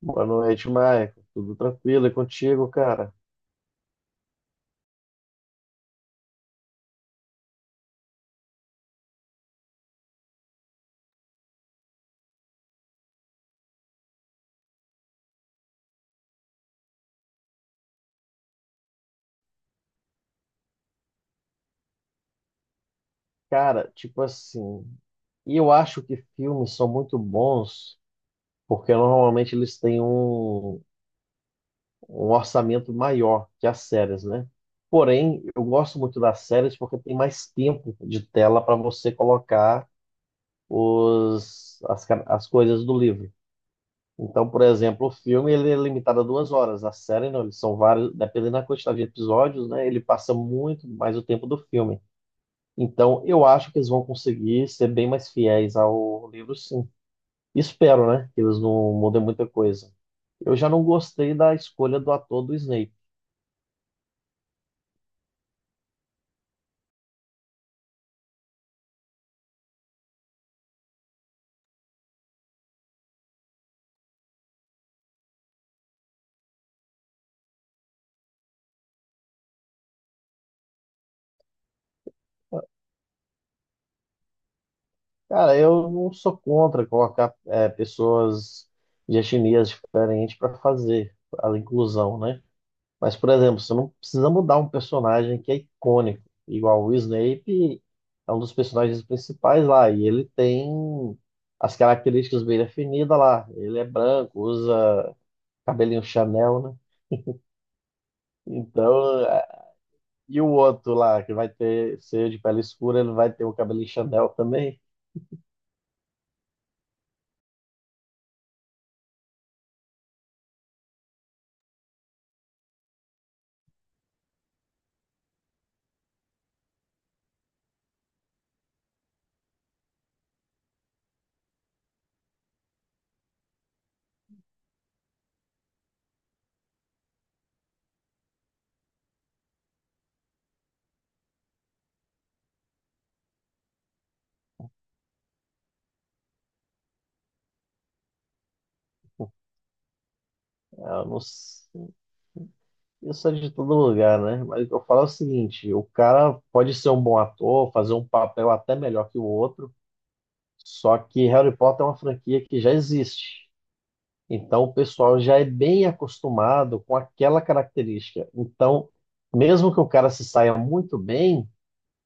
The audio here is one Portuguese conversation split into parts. Boa noite, Maicon. Tudo tranquilo? E contigo, cara? Cara, tipo assim, e eu acho que filmes são muito bons porque normalmente eles têm um orçamento maior que as séries, né? Porém, eu gosto muito das séries porque tem mais tempo de tela para você colocar as coisas do livro. Então, por exemplo, o filme ele é limitado a 2 horas, a série não, eles são vários, dependendo da quantidade de episódios, né? Ele passa muito mais o tempo do filme. Então, eu acho que eles vão conseguir ser bem mais fiéis ao livro, sim. Espero, né? Que eles não mudem muita coisa. Eu já não gostei da escolha do ator do Snape. Cara, eu não sou contra colocar pessoas de etnias diferentes para fazer a inclusão, né? Mas, por exemplo, você não precisa mudar um personagem que é icônico, igual o Snape é um dos personagens principais lá, e ele tem as características bem definidas lá. Ele é branco, usa cabelinho Chanel, né? Então, e o outro lá, que ser de pele escura, ele vai ter o cabelinho Chanel também? Ah, eu não sei. Isso é de todo lugar, né? Mas eu falo o seguinte, o cara pode ser um bom ator, fazer um papel até melhor que o outro, só que Harry Potter é uma franquia que já existe. Então, o pessoal já é bem acostumado com aquela característica. Então, mesmo que o cara se saia muito bem,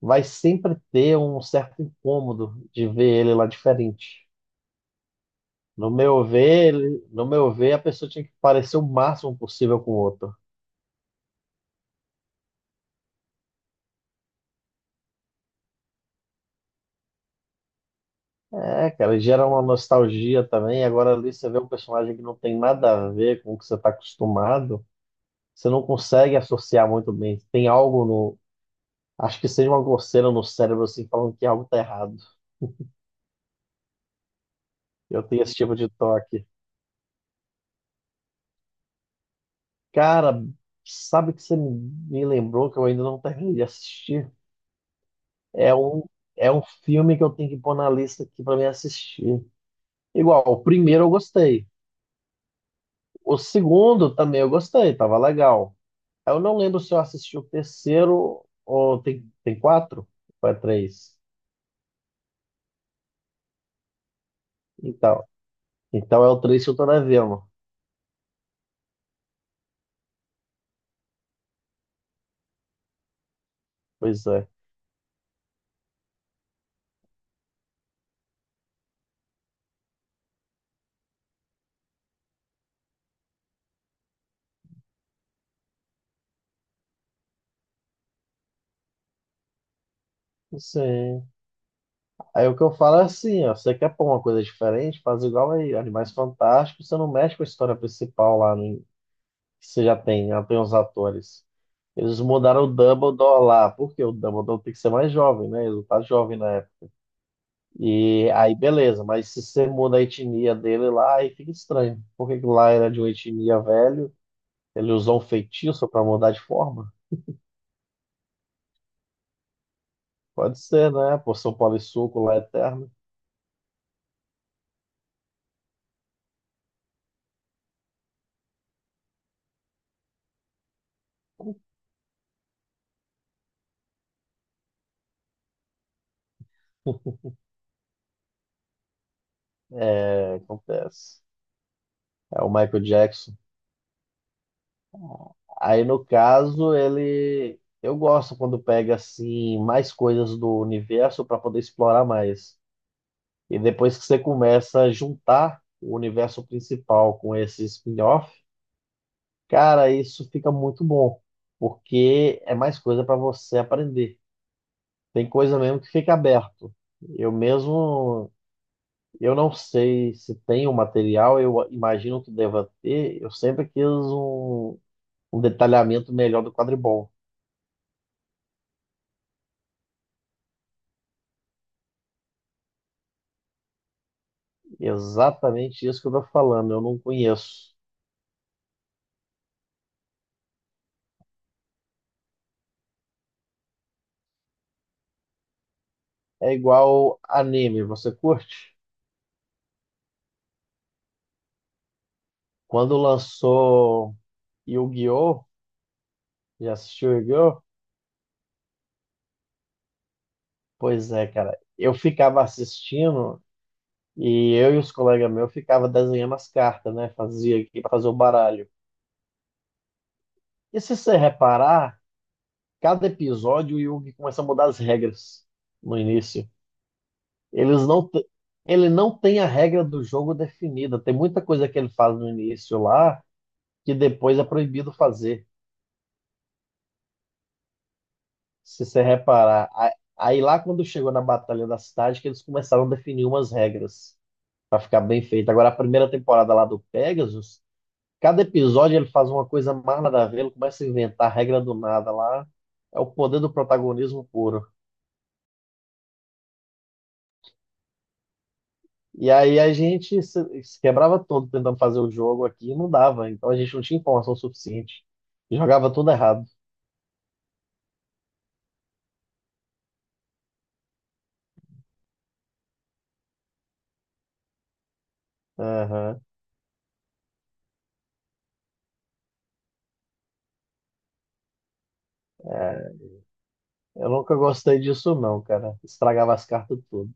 vai sempre ter um certo incômodo de ver ele lá diferente. No meu ver, no meu ver, a pessoa tinha que parecer o máximo possível com o outro. É, cara, gera uma nostalgia também. Agora ali você vê um personagem que não tem nada a ver com o que você está acostumado, você não consegue associar muito bem. Tem algo no, acho que seja uma coceira no cérebro assim falando que algo tá errado. Eu tenho esse tipo de toque. Cara, sabe que você me lembrou que eu ainda não terminei de assistir? É um, é um filme que eu tenho que pôr na lista aqui pra me assistir. Igual, o primeiro eu gostei. O segundo também eu gostei, tava legal. Eu não lembro se eu assisti o terceiro ou tem quatro? Ou é três? Então, então é o três que eu tô devendo. Pois é. Sim. Aí o que eu falo é assim, ó, você quer pôr uma coisa diferente, faz igual aí, Animais Fantásticos, você não mexe com a história principal lá, né? Você já tem os atores. Eles mudaram o Dumbledore lá, porque o Dumbledore tem que ser mais jovem, né? Ele não tá jovem na época. E aí, beleza, mas se você muda a etnia dele lá, aí fica estranho. Porque lá era de uma etnia velho, ele usou um feitiço para mudar de forma? Pode ser, né? A poção polissuco lá eterna. É, acontece. É o Michael Jackson. Aí, no caso, ele. Eu gosto quando pega assim mais coisas do universo para poder explorar mais. E depois que você começa a juntar o universo principal com esse spin-off, cara, isso fica muito bom, porque é mais coisa para você aprender. Tem coisa mesmo que fica aberto. Eu mesmo, eu não sei se tem o material, eu imagino que deva ter. Eu sempre quis um detalhamento melhor do quadribol. Exatamente isso que eu tô falando, eu não conheço. É igual anime, você curte? Quando lançou Yu-Gi-Oh! Já assistiu Yu-Gi-Oh? Pois é, cara. Eu ficava assistindo e eu e os colegas meus ficava desenhando as cartas, né? Fazia aqui para fazer o baralho. E se você reparar, cada episódio o Yugi começa a mudar as regras no início. Eles não te- Ele não tem a regra do jogo definida. Tem muita coisa que ele faz no início lá que depois é proibido fazer, se você reparar. Aí lá quando chegou na Batalha da Cidade que eles começaram a definir umas regras. Pra ficar bem feito. Agora, a primeira temporada lá do Pegasus, cada episódio ele faz uma coisa mais nada a ver, ele começa a inventar regra do nada lá. É o poder do protagonismo puro. E aí a gente se quebrava todo tentando fazer o jogo aqui e não dava. Então a gente não tinha informação suficiente. Jogava tudo errado. Aham. É, eu nunca gostei disso, não, cara. Estragava as cartas tudo.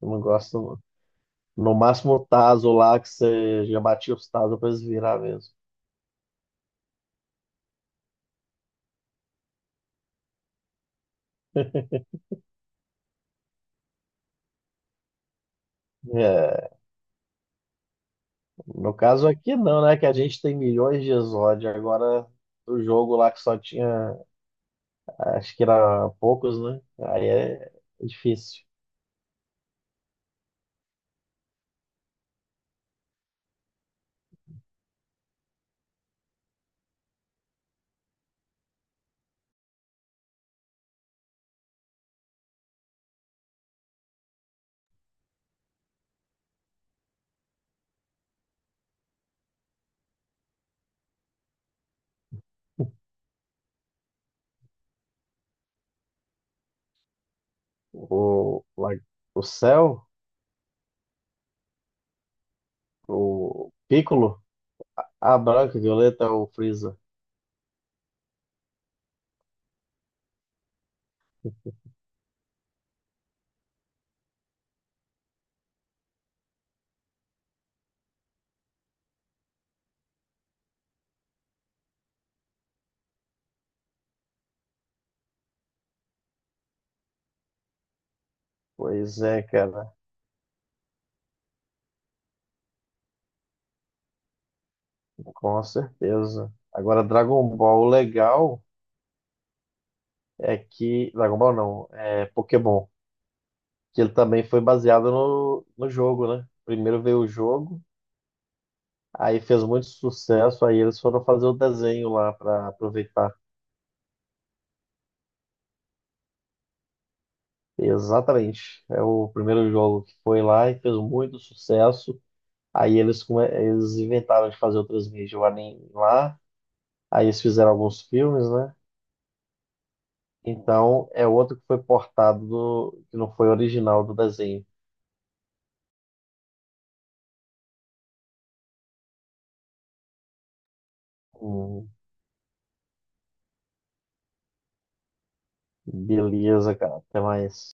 Eu não gosto, não. No máximo o Tazo lá, que você já batia os Tazo pra eles virar mesmo. É. No caso aqui não, né? Que a gente tem milhões de exódio. Agora, o jogo lá que só tinha, acho que era poucos, né? Aí é difícil. O, lá- o Cell, o Piccolo, a Branca, a Violeta, o Freeza. Pois é, cara, com certeza. Agora, Dragon Ball, o legal é que. Dragon Ball não, é Pokémon. Que ele também foi baseado no jogo, né? Primeiro veio o jogo. Aí fez muito sucesso, aí eles foram fazer o desenho lá para aproveitar. Exatamente. É o primeiro jogo que foi lá e fez muito sucesso. Aí eles inventaram de fazer outras mídias o anime lá. Aí eles fizeram alguns filmes, né? Então é outro que foi portado do... que não foi original do desenho. Hum, beleza, cara. Até mais.